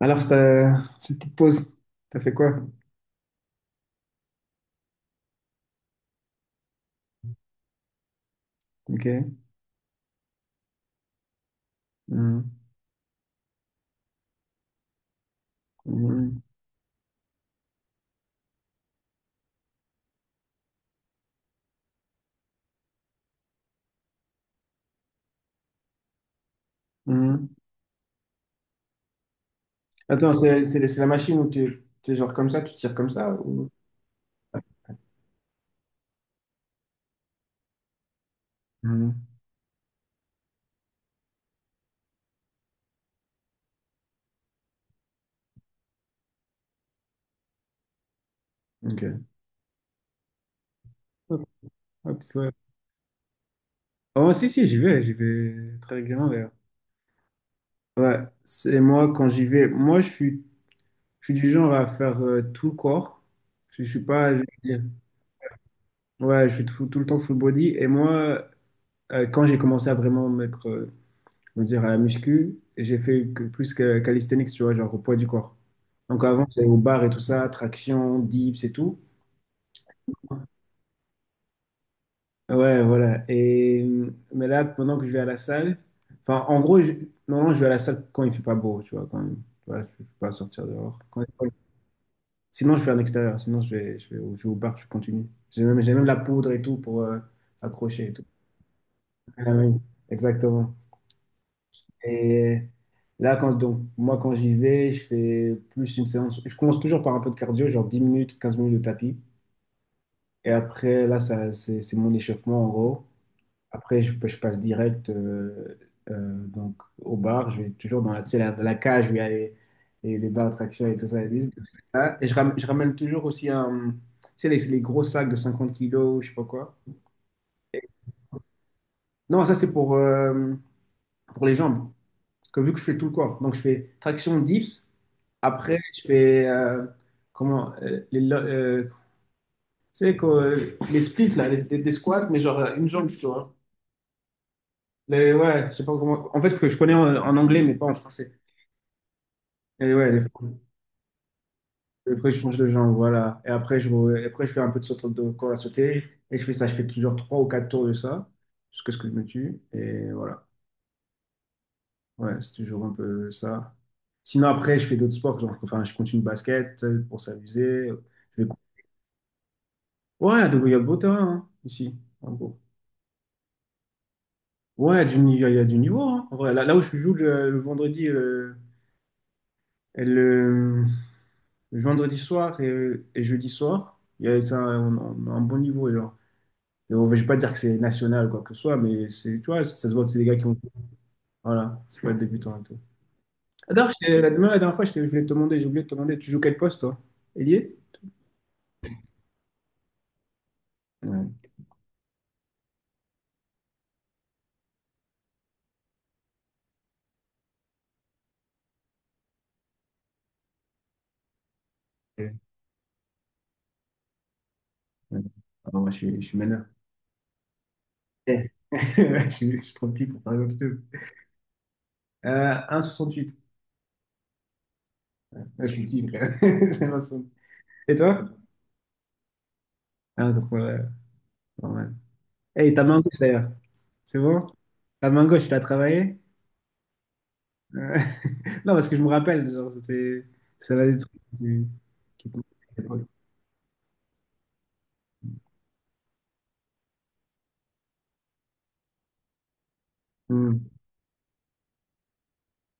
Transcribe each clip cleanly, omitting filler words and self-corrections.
Alors, cette petite pause, t'as fait quoi? Ok. Mhm. Mhm. Mhm. Attends, c'est la machine où tu es genre comme ça, tu tires comme ça ou... Mhm. Ok. Hop, hop, ouais. Oh, si, si, j'y vais, très régulièrement d'ailleurs. Ouais, c'est moi quand j'y vais. Moi, je suis du genre à faire tout le corps. Je suis pas, je veux dire, ouais, je suis tout, tout le temps full body. Et moi, quand j'ai commencé à vraiment mettre Je veux dire, à la muscu, j'ai fait plus que calisthenics, tu vois, genre au poids du corps. Donc avant, j'allais au bar et tout ça, traction, dips et tout. Ouais, voilà. Et, mais là, pendant que je vais à la salle, enfin, en gros, normalement, je vais à la salle quand il fait pas beau, tu vois, quand tu vois, je peux pas sortir dehors. Sinon, je vais à l'extérieur, sinon, je vais au bar, je continue. J'ai même la poudre et tout pour accrocher et tout. Ah oui, exactement. Et là, donc, moi, quand j'y vais, je fais plus une séance. Je commence toujours par un peu de cardio, genre 10 minutes, 15 minutes de tapis. Et après, là, ça, c'est mon échauffement, en gros. Après, je passe direct donc, au bar. Je vais toujours dans la, tu sais, la cage où il y a les barres de traction et tout ça. Et, tout ça. Et je ramène toujours aussi tu sais, les gros sacs de 50 kilos, je sais pas quoi. Et- Non, ça, c'est pour les jambes. Parce que vu que je fais tout le corps, donc je fais traction dips, après je fais comment tu sais, quoi, les splits là, des squats, mais genre une jambe, tu vois. Ouais, je sais pas comment. En fait, que je connais en anglais, mais pas en français. Et ouais, et après je change de jambe, voilà. Et après je fais un peu de saut de corps à sauter. Et je fais ça, je fais toujours trois ou quatre tours de ça, jusqu'à ce que je me tue. Et voilà. Ouais, c'est toujours un peu ça. Sinon, après, je fais d'autres sports. Genre, enfin, je continue le basket pour s'amuser. Je vais Ouais, donc il y a beau terrain hein, ici, en gros. Ouais, du ni- il y a du niveau, hein, en vrai. Là où je joue le vendredi, et le vendredi soir et jeudi soir, il y a, ça, on a un bon niveau. Genre. Je vais pas dire que c'est national, quoi que ce soit, mais c'est, tu vois, ça se voit que c'est des gars qui ont. Voilà, c'est pas le débutant et tout. Ah, d'ailleurs, la dernière fois, je voulais te demander, j'ai oublié de te demander, tu joues quel poste, toi? Ailier? Ouais. Ouais. Ouais. Ah, moi, je suis meneur. Eh. Je suis trop petit pour faire autre chose. Huit. Ouais, je suis petit, frère. J'ai l'impression. Et toi? Ah, t'as trouvé, ouais, normal. Hey, ta main gauche, d'ailleurs. C'est bon? Ta main gauche, tu l'as travaillée? Euh, Non, parce que je me rappelle, genre, c'était... Ça va des trucs qui te manquaient à l'époque. Hmm.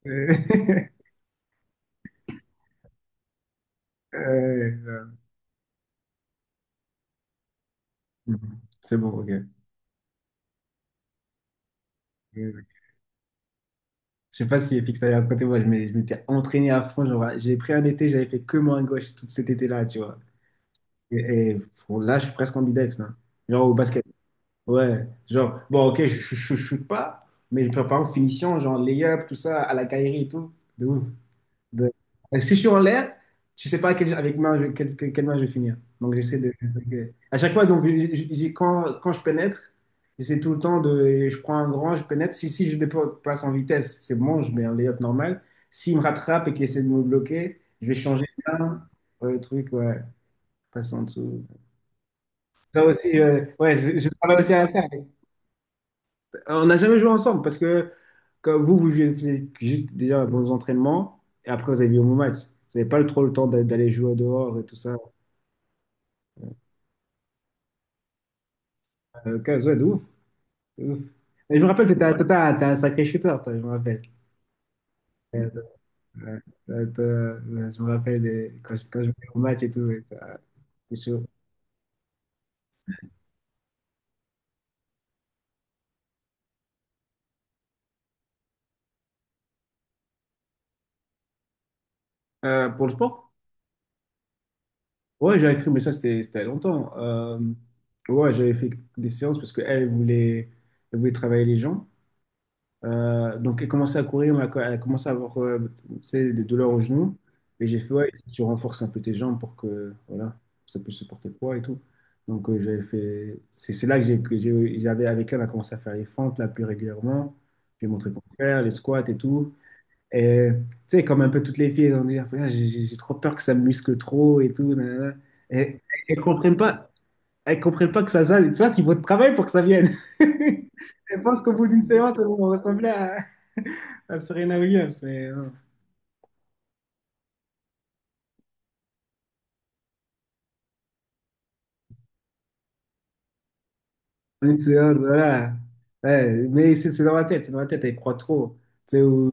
Euh, euh, mhm. C'est bon, ok. Je sais pas si Fix t'avais raconté, moi, je m'étais entraîné à fond, genre, j'ai pris un été, j'avais fait que main gauche tout cet été-là, tu vois. Et, et, bon, là, je suis presque ambidex, là. Genre, au basket. Ouais, genre, bon, ok, je shoot pas, mais je prépare en finition, genre layup, tout ça, à la Kyrie et tout. De ouf. De- Si je suis en l'air, tu sais pas avec main quelle main je vais finir. Donc, j'essaie de. Ok. À chaque fois, donc, quand je pénètre, j'essaie tout le temps de. Je prends un grand, je pénètre. Si je dépasse en vitesse, c'est bon, je mets un layup normal. S'il me rattrape et qu'il essaie de me bloquer, je vais changer de main. Ouais, le truc, ouais, passer en dessous. Ça aussi, ouais, je travaille aussi à ça. On n'a jamais joué ensemble parce que quand vous faisiez juste déjà vos entraînements et après vous avez vu vos matchs. Vous n'avez pas trop le temps d'aller jouer dehors et tout ça. 15, ouais, de ouf, de ouf. Et je me rappelle, t'étais toi, t'es un sacré shooter, toi, je me rappelle. Euh, euh, toi, je me rappelle quand je jouais au match et tout. Et t'es sûr. Pour le sport? Ouais, j'avais cru, mais ça, c'était il y a longtemps. Ouais, j'avais fait des séances parce qu'elle voulait, elle voulait travailler les gens. Donc, elle commençait à courir, mais elle a commencé à avoir tu sais, des douleurs au genou. Et j'ai fait, ouais, tu renforces un peu tes jambes pour que voilà, ça puisse supporter le poids et tout. Donc, j'avais fait. C'est là que j'avais avec elle, on a commencé à faire les fentes là plus régulièrement. J'ai montré comment faire, les squats et tout. Et tu sais, comme un peu toutes les filles, elles ont dit, ah, j'ai trop peur que ça me muscle trop et tout, nanana. Et elles comprennent pas, elles comprennent pas que ça c'est votre travail pour que ça vienne. Elles pensent qu'au bout d'une séance, elles vont ressembler à Serena Williams, mais une séance, voilà. Ouais, mais c'est dans ma tête, c'est dans ma tête, elle croit trop. Tu sais,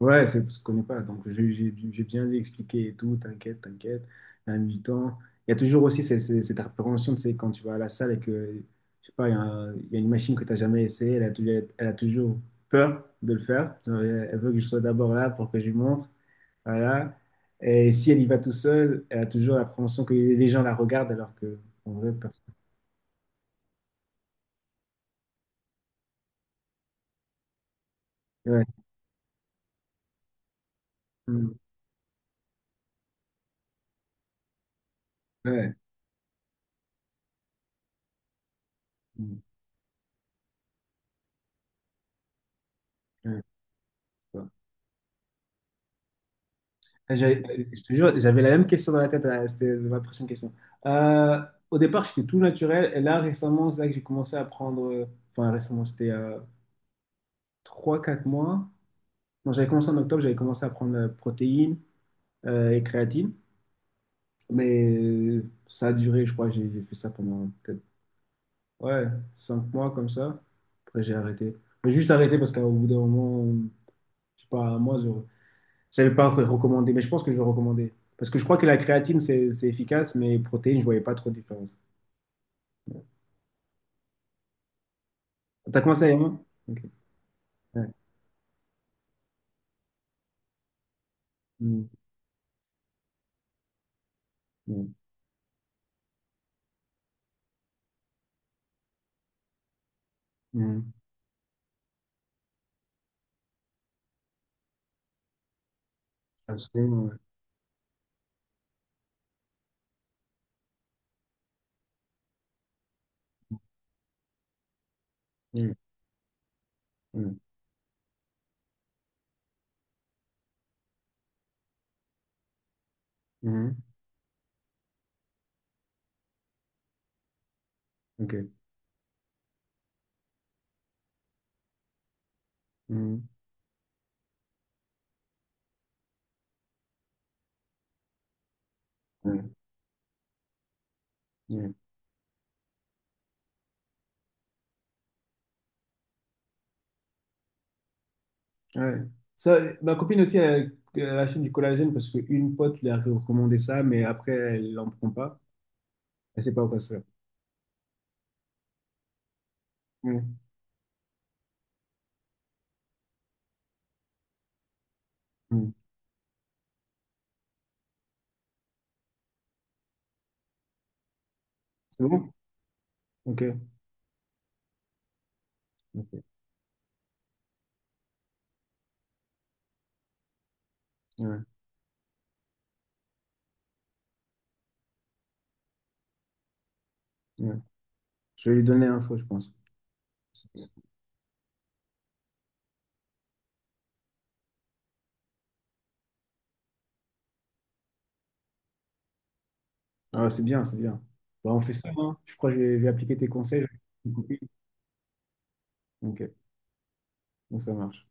ouais, c'est parce qu'on connaît pas. Donc, j'ai bien dû expliquer et tout, t'inquiète, t'inquiète, il y a du temps. Il y a toujours aussi cette appréhension, tu sais, quand tu vas à la salle et que, je sais pas, il y a, il y a une machine que tu n'as jamais essayée, elle a toujours peur de le faire. Genre, elle elle veut que je sois d'abord là pour que je lui montre. Voilà. Et si elle y va tout seule, elle a toujours l'appréhension que les gens la regardent alors que, en vrai, personne. Ouais. Mm. Ouais. Mm. Ouais. Ouais. J'avais- Je te jure, j'avais la même question dans la tête, c'était ma prochaine question. Euh, au départ, j'étais tout naturel, et là, récemment, c'est là que j'ai commencé à prendre, enfin récemment, c'était 3-4 mois. Bon, j'avais commencé en octobre, j'avais commencé à prendre protéines et créatine, mais ça a duré, je crois, j'ai fait ça pendant peut-être, ouais, 5 mois comme ça. Après, j'ai arrêté. J'ai juste arrêté parce qu'au bout d'un moment, je sais pas, moi, je savais pas recommander, mais je pense que je vais recommander. Parce que je crois que la créatine, c'est efficace, mais les protéines, je voyais pas trop de différence. T'as commencé à y avoir? Ok. Ouais. Mm, mm, mm. Absolument, ouais. Mm, mm, mm. Ok. Mm, mm, mm. Ouais. Ça, ma copine aussi, elle, elle achète du collagène parce qu'une pote lui a recommandé ça, mais après, elle n'en prend pas. Elle sait pas quoi c'est. Mm, mm. C'est bon? Ok. Ok. Ouais. Ouais. Je vais lui donner l'info, je pense. Ah, c'est bien, c'est bien. Bah, on fait ça, hein. Je crois que je vais appliquer tes conseils avec une copine. Ok, bon, ça marche.